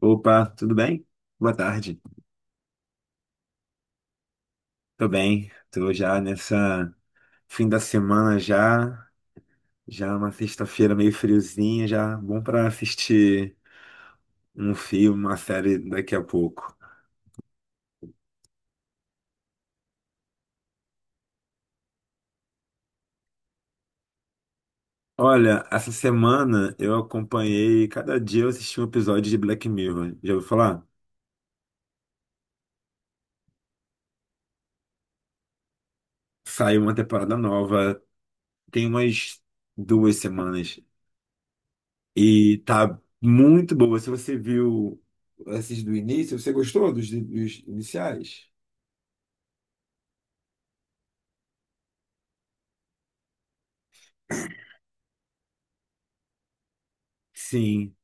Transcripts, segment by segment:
Opa, tudo bem? Boa tarde. Tô bem, tô já nessa fim da semana já, já é uma sexta-feira meio friozinha, já bom pra assistir um filme, uma série daqui a pouco. Olha, essa semana eu acompanhei, cada dia eu assisti um episódio de Black Mirror. Já ouviu falar? Saiu uma temporada nova, tem umas 2 semanas e tá muito boa. Se você viu esses do início, você gostou dos iniciais? Sim.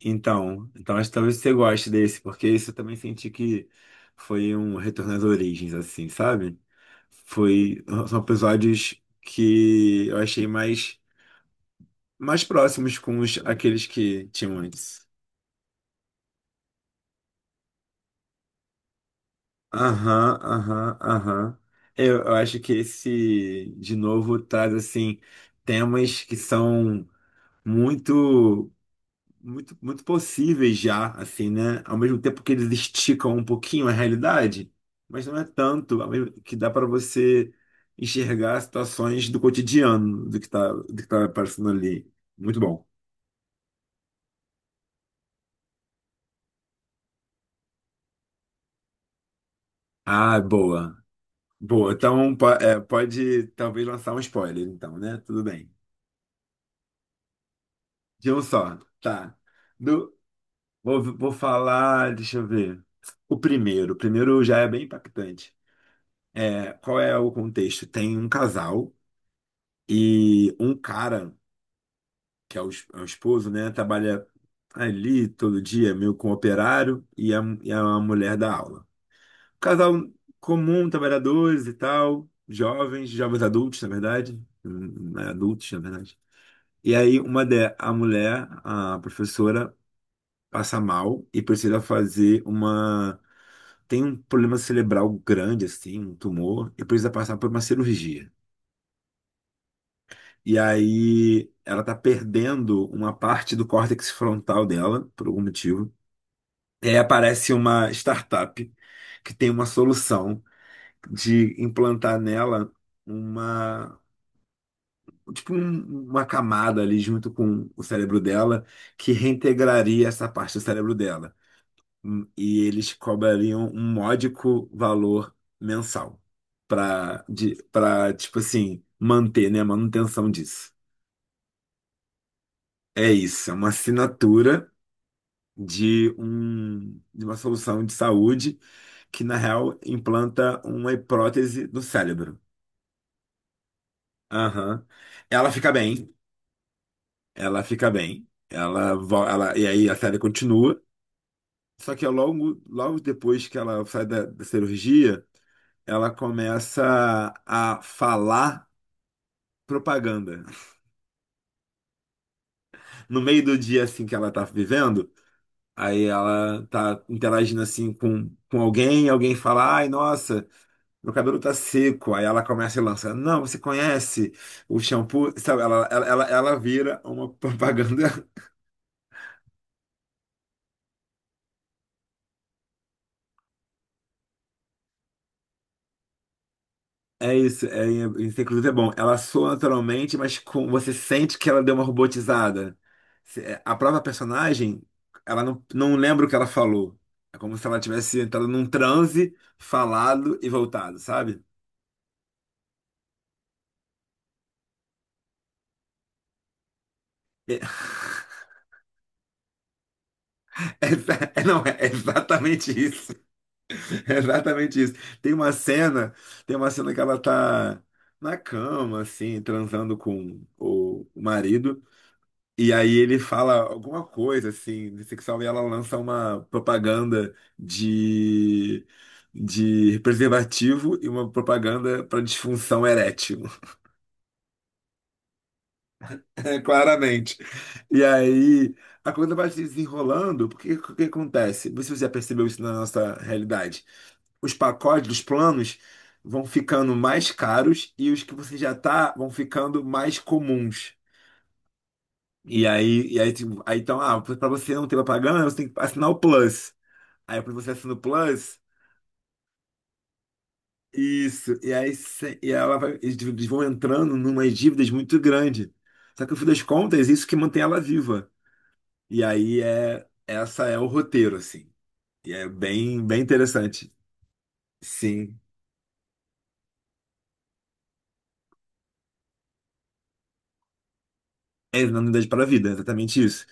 Então acho que talvez você goste desse, porque isso eu também senti que foi um retorno às origens, assim, sabe? Foi, são episódios que eu achei mais, mais próximos com os, aqueles que tinham antes. Aham, aham, aham. Eu acho que esse, de novo, traz, assim, temas que são muito muito, muito possíveis já, assim, né? Ao mesmo tempo que eles esticam um pouquinho a realidade, mas não é tanto, que dá para você enxergar situações do cotidiano, do que tá aparecendo ali. Muito bom. Ah, boa. Boa. Então, pode talvez lançar um spoiler, então, né? Tudo bem. De um só. Tá. Do- vou falar, deixa eu ver. O primeiro. O primeiro já é bem impactante. É, qual é o contexto? Tem um casal. E um cara, que é o, é o esposo, né, trabalha ali todo dia, meio com operário, e a mulher da aula. Casal comum, trabalhadores e tal, jovens, jovens adultos, na verdade, né, adultos, na verdade. E aí, a mulher, a professora, passa mal e precisa fazer uma. Tem um problema cerebral grande, assim, um tumor, e precisa passar por uma cirurgia. E aí ela tá perdendo uma parte do córtex frontal dela, por algum motivo. E aí aparece uma startup que tem uma solução de implantar nela uma, tipo uma camada ali junto com o cérebro dela que reintegraria essa parte do cérebro dela. E eles cobrariam um módico valor mensal para para tipo assim manter, né, a manutenção disso. É isso, é uma assinatura de uma solução de saúde que, na real, implanta uma prótese no cérebro. Aham. Ela fica bem, ela fica bem, e aí a série continua. Só que logo, logo depois que ela sai da cirurgia, ela começa a falar propaganda. No meio do dia assim que ela tá vivendo, aí ela tá interagindo assim com alguém, alguém fala, ai, nossa. Meu cabelo tá seco. Aí ela começa e lança: Não, você conhece o shampoo? Sabe, ela vira uma propaganda. É isso. É, isso, inclusive, é bom. Ela soa naturalmente, mas com, você sente que ela deu uma robotizada. A própria personagem, ela não lembra o que ela falou. É como se ela tivesse entrado num transe, falado e voltado, sabe? É, não, é exatamente isso. É exatamente isso. Tem uma cena, tem uma cena que ela tá na cama, assim, transando com o marido, e aí ele fala alguma coisa, assim, de sexual, e ela lança uma propaganda de preservativo e uma propaganda para disfunção erétil. É, claramente. E aí, a coisa vai se desenrolando, porque o que acontece? Não sei se você já percebeu isso na nossa realidade. Os pacotes os planos vão ficando mais caros e os que você já tá vão ficando mais comuns. E aí, tipo, aí então, ah, para você não ter propaganda, você tem que assinar o Plus. Aí quando você assina o Plus, isso. E ela vai, eles vão entrando numas dívidas muito grandes. Só que no fim das contas, isso que mantém ela viva. E aí é essa é o roteiro assim. E é bem interessante. Sim. É na unidade para a vida, é exatamente isso.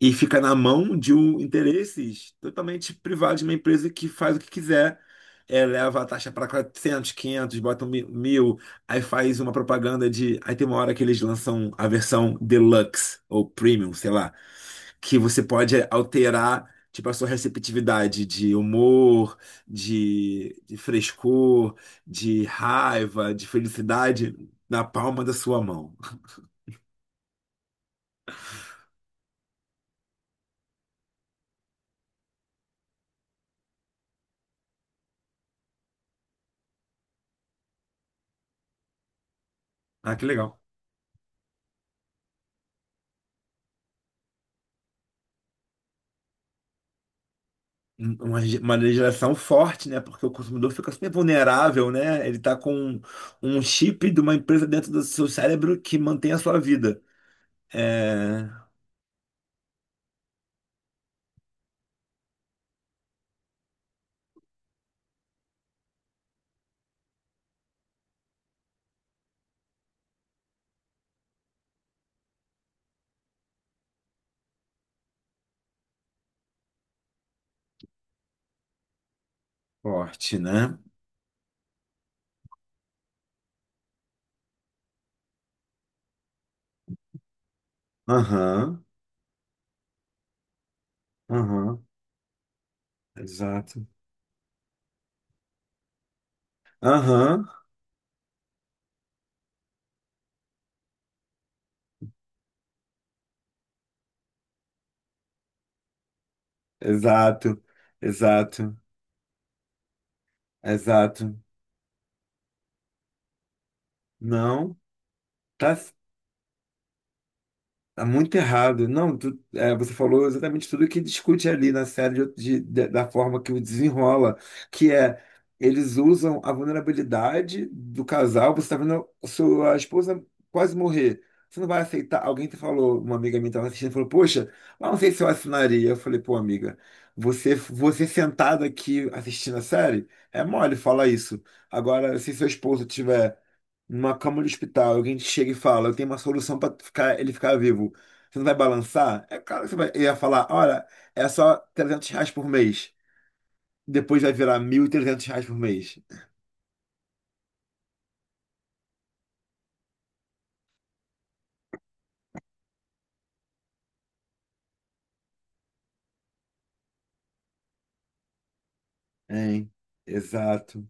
E fica na mão de um interesses totalmente privados de uma empresa que faz o que quiser. É, leva a taxa para 400 500 botam mil, aí faz uma propaganda de. Aí tem uma hora que eles lançam a versão deluxe ou premium, sei lá. Que você pode alterar, tipo, a sua receptividade de humor, de frescor, de raiva, de felicidade na palma da sua mão. Ah, que legal. Uma legislação forte, né? Porque o consumidor fica super vulnerável, né? Ele tá com um chip de uma empresa dentro do seu cérebro que mantém a sua vida. É forte, né? Aham, aham, exato. Aham, exato, exato. Exato. Não, tá, tá muito errado. Não, você falou exatamente tudo que discute ali na série da forma que o desenrola, que é eles usam a vulnerabilidade do casal. Você está vendo a sua esposa quase morrer. Você não vai aceitar. Alguém te falou, uma amiga minha estava assistindo, falou: Poxa, eu não sei se eu assinaria. Eu falei: Pô, amiga, você sentada aqui assistindo a série, é mole falar isso. Agora, se seu esposo tiver numa cama de hospital, alguém te chega e fala, eu tenho uma solução para ele ficar vivo. Você não vai balançar? É claro que você vai, ele ia falar, olha, é só R$ 300 por mês. Depois vai virar R$ 1.300 por mês. Hein? Exato,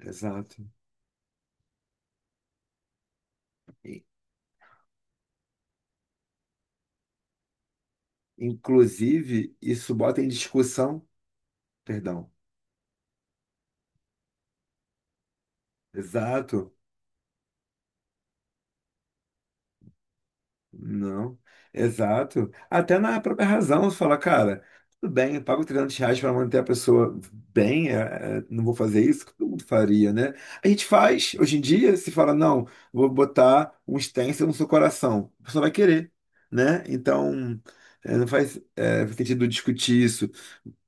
exato. I- Inclusive, isso bota em discussão, perdão, exato. Não, exato. Até na própria razão, você fala, cara, tudo bem, eu pago R$ 300 para manter a pessoa bem, não vou fazer isso, que todo mundo faria, né? A gente faz, hoje em dia, se fala, não, vou botar um stencil no seu coração, a pessoa vai querer, né? Então, não faz, faz sentido discutir isso.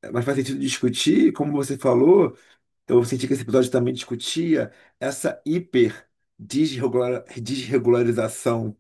É, mas faz sentido discutir, como você falou, eu senti que esse episódio também discutia essa hiper desregularização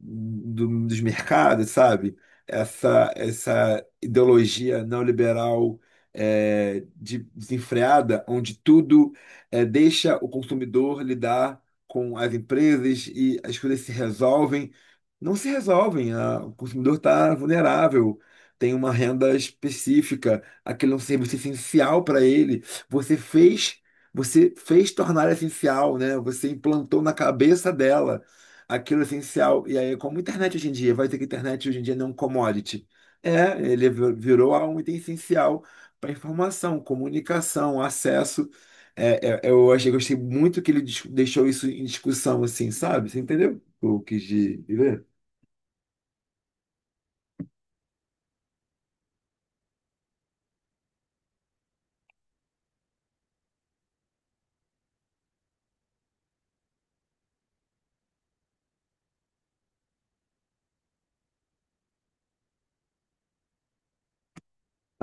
dos mercados, sabe? Essa ideologia neoliberal desenfreada, onde tudo deixa o consumidor lidar com as empresas e as coisas se resolvem. Não se resolvem, o consumidor está vulnerável. Tem uma renda específica, aquele é um serviço essencial para ele. Você fez, você fez tornar essencial, né? Você implantou na cabeça dela aquilo essencial. E aí, como internet hoje em dia, vai dizer que internet hoje em dia não é um commodity. É, ele virou um item essencial para informação, comunicação, acesso. Eu achei, gostei muito que ele deixou isso em discussão, assim, sabe? Você entendeu? O que eu quis dizer?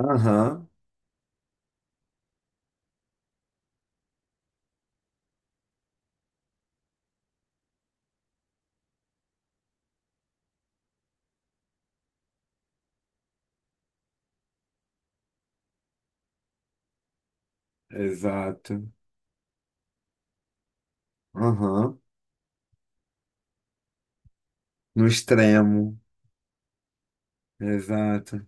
Aham, exato. Aham, no extremo, exato.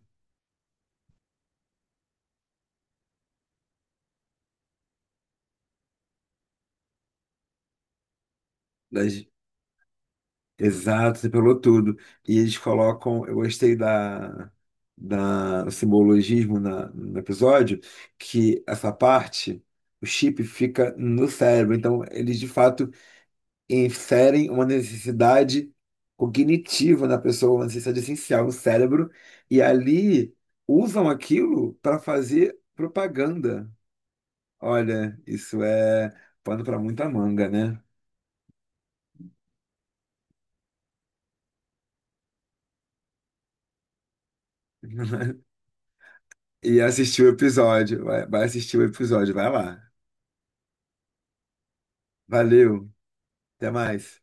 Exato, você pegou tudo. E eles colocam, eu gostei da, da do simbologismo no episódio, que essa parte, o chip fica no cérebro. Então, eles de fato inserem uma necessidade cognitiva na pessoa, uma necessidade essencial no cérebro, e ali usam aquilo para fazer propaganda. Olha, isso é pano para muita manga, né? E assistir o episódio. Vai, vai assistir o episódio, vai lá. Valeu, até mais.